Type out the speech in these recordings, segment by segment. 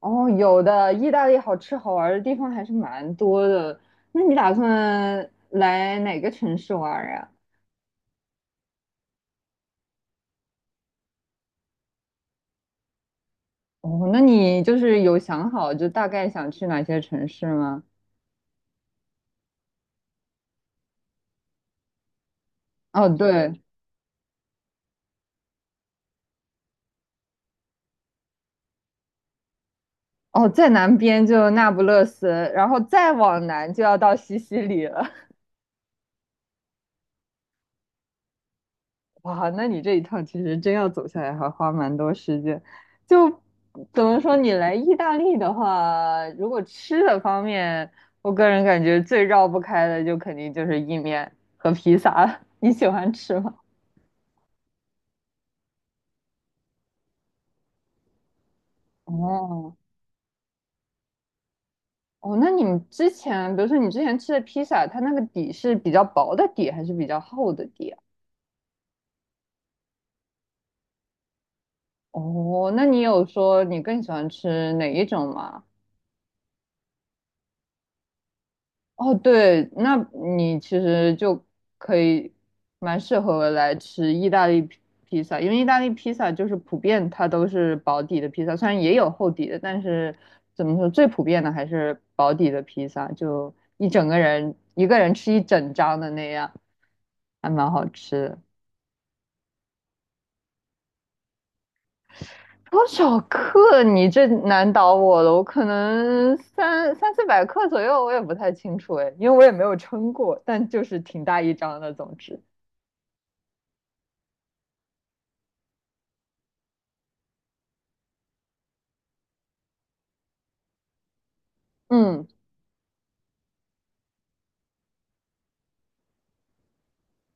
哦，有的，意大利好吃好玩的地方还是蛮多的。那你打算来哪个城市玩儿呀？哦，那你就是有想好就大概想去哪些城市吗？哦，对，哦，在南边就那不勒斯，然后再往南就要到西西里了。哇，那你这一趟其实真要走下来，还花蛮多时间。就怎么说，你来意大利的话，如果吃的方面，我个人感觉最绕不开的，就肯定就是意面和披萨了。你喜欢吃吗？哦哦，那你们之前，比如说你之前吃的披萨，它那个底是比较薄的底，还是比较厚的底啊？哦，那你有说你更喜欢吃哪一种吗？哦，对，那你其实就可以蛮适合来吃意大利披萨，因为意大利披萨就是普遍它都是薄底的披萨，虽然也有厚底的，但是怎么说最普遍的还是薄底的披萨，就一整个人一个人吃一整张的那样，还蛮好吃的。多少克？你这难倒我了，我可能三四百克左右，我也不太清楚哎，因为我也没有称过，但就是挺大一张的，总之。嗯，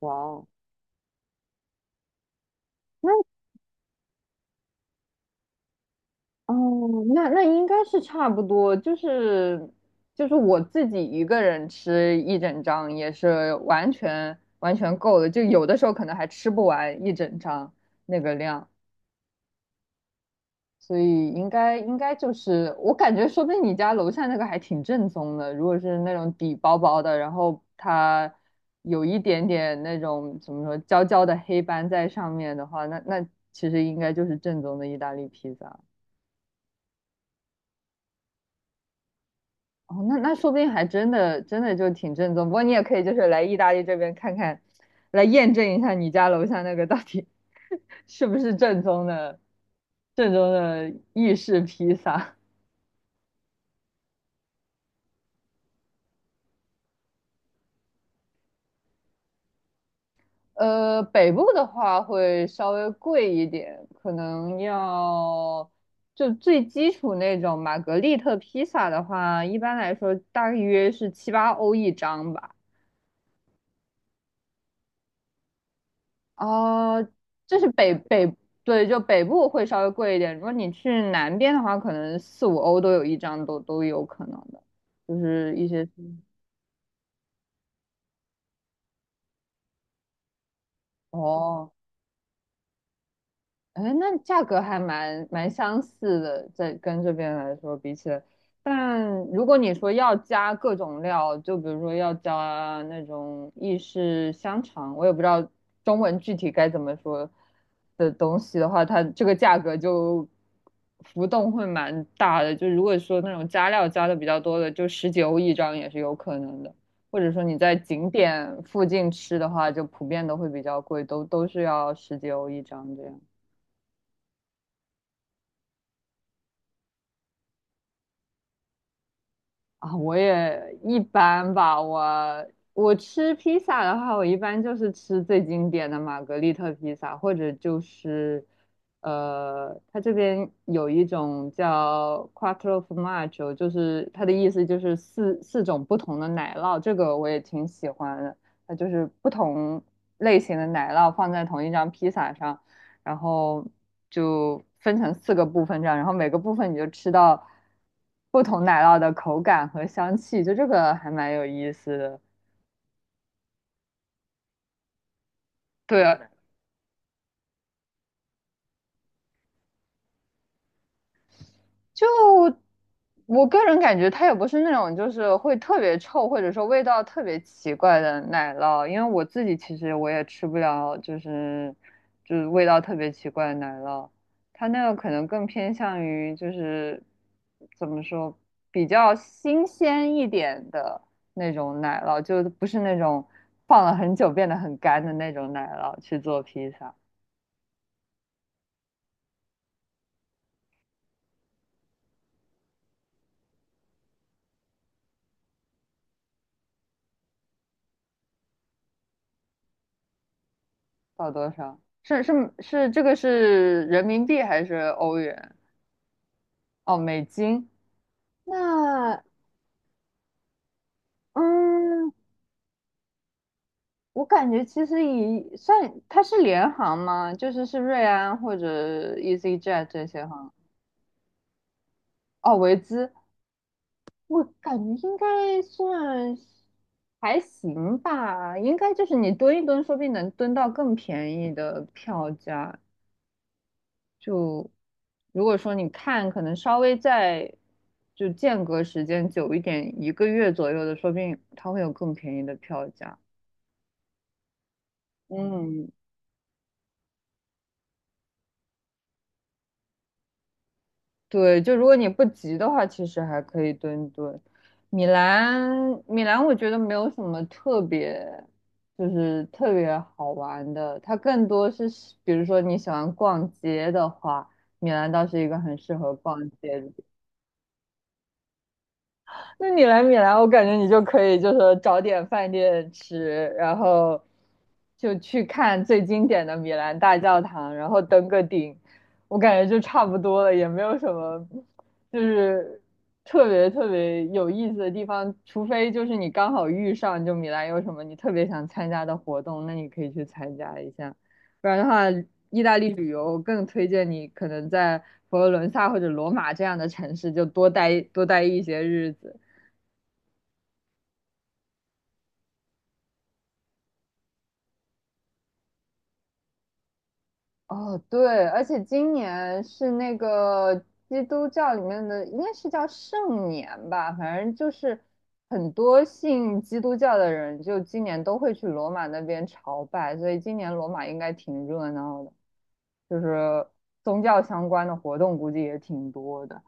哇哦，那哦，那那应该是差不多，就是就是我自己一个人吃一整张也是完全够的，就有的时候可能还吃不完一整张那个量，所以应该就是我感觉，说不定你家楼下那个还挺正宗的，如果是那种底薄薄的，然后它有一点点那种怎么说焦焦的黑斑在上面的话，那那其实应该就是正宗的意大利披萨。哦，那那说不定还真的真的就挺正宗。不过你也可以就是来意大利这边看看，来验证一下你家楼下那个到底 是不是正宗的正宗的意式披萨。北部的话会稍微贵一点，可能要就最基础那种玛格丽特披萨的话，一般来说大约是七八欧一张吧。哦，这是北，对，就北部会稍微贵一点。如果你去南边的话，可能四五欧都有一张，都有可能的，就是一些，哦，哎，那价格还蛮相似的，在跟这边来说比起来，但如果你说要加各种料，就比如说要加那种意式香肠，我也不知道中文具体该怎么说的东西的话，它这个价格就浮动会蛮大的。就如果说那种加料加的比较多的，就十几欧一张也是有可能的。或者说你在景点附近吃的话，就普遍都会比较贵，都是要十几欧一张这样。啊，我也一般吧。我吃披萨的话，我一般就是吃最经典的玛格丽特披萨，或者就是，它这边有一种叫 Quattro Formaggio,就是它的意思就是四种不同的奶酪，这个我也挺喜欢的。它就是不同类型的奶酪放在同一张披萨上，然后就分成四个部分这样，然后每个部分你就吃到不同奶酪的口感和香气，就这个还蛮有意思的。对，就我个人感觉，它也不是那种就是会特别臭，或者说味道特别奇怪的奶酪，因为我自己其实我也吃不了，就是就是味道特别奇怪的奶酪，它那个可能更偏向于就是怎么说，比较新鲜一点的那种奶酪，就不是那种放了很久变得很干的那种奶酪去做披萨。到多少？是是是，这个是人民币还是欧元？哦，美金，那嗯，我感觉其实以算它是联航吗？就是是瑞安或者 EasyJet 这些航。哦，维兹，我感觉应该算还行吧，应该就是你蹲一蹲，说不定能蹲到更便宜的票价。就如果说你看，可能稍微再就间隔时间久一点，一个月左右的，说不定它会有更便宜的票价。嗯，对，就如果你不急的话，其实还可以蹲蹲。米兰，米兰，我觉得没有什么特别，就是特别好玩的。它更多是，比如说你喜欢逛街的话，米兰倒是一个很适合逛街的。那你来米兰，我感觉你就可以就是找点饭店吃，然后就去看最经典的米兰大教堂，然后登个顶，我感觉就差不多了，也没有什么就是特别特别有意思的地方，除非就是你刚好遇上就米兰有什么你特别想参加的活动，那你可以去参加一下，不然的话，意大利旅游更推荐你可能在佛罗伦萨或者罗马这样的城市就多待一些日子。哦，对，而且今年是那个基督教里面的，应该是叫圣年吧，反正就是很多信基督教的人，就今年都会去罗马那边朝拜，所以今年罗马应该挺热闹的，就是宗教相关的活动估计也挺多的。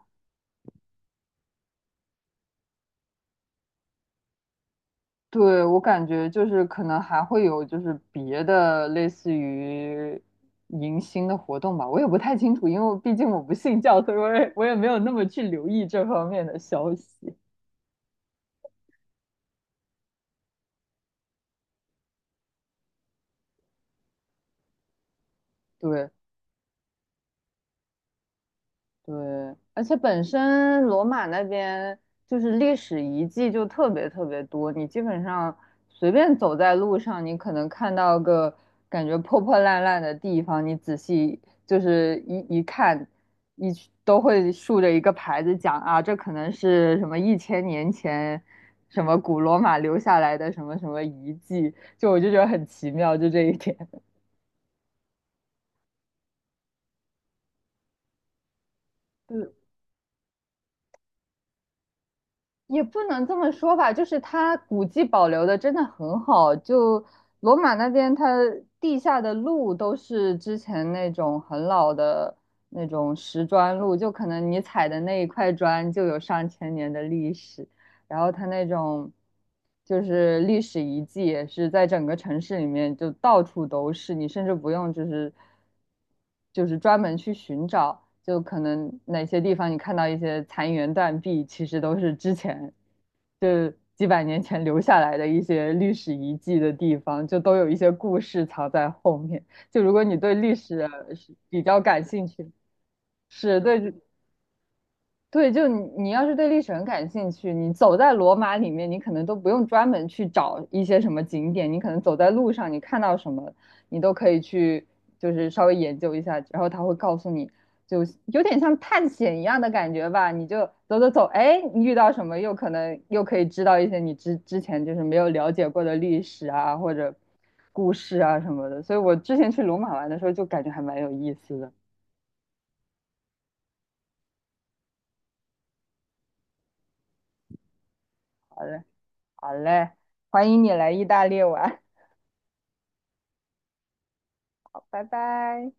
对，我感觉就是可能还会有就是别的类似于迎新的活动吧，我也不太清楚，因为我毕竟我不信教，所以我也没有那么去留意这方面的消息。对，对，而且本身罗马那边就是历史遗迹就特别特别多，你基本上随便走在路上，你可能看到个感觉破破烂烂的地方，你仔细就是一看，一都会竖着一个牌子讲啊，这可能是什么一千年前什么古罗马留下来的什么什么遗迹，就我就觉得很奇妙，就这一点。对，也不能这么说吧，就是它古迹保留的真的很好。就罗马那边，它地下的路都是之前那种很老的那种石砖路，就可能你踩的那一块砖就有上千年的历史。然后它那种就是历史遗迹也是在整个城市里面就到处都是，你甚至不用就是专门去寻找，就可能哪些地方你看到一些残垣断壁，其实都是之前就几百年前留下来的一些历史遗迹的地方，就都有一些故事藏在后面。就如果你对历史是比较感兴趣，是，对对，就你要是对历史很感兴趣，你走在罗马里面，你可能都不用专门去找一些什么景点，你可能走在路上，你看到什么，你都可以去，就是稍微研究一下，然后他会告诉你，就有点像探险一样的感觉吧。你就走走走，哎，你遇到什么，又可以知道一些你之前就是没有了解过的历史啊，或者故事啊什么的。所以我之前去罗马玩的时候，就感觉还蛮有意思的。好嘞，好嘞，欢迎你来意大利玩。拜拜。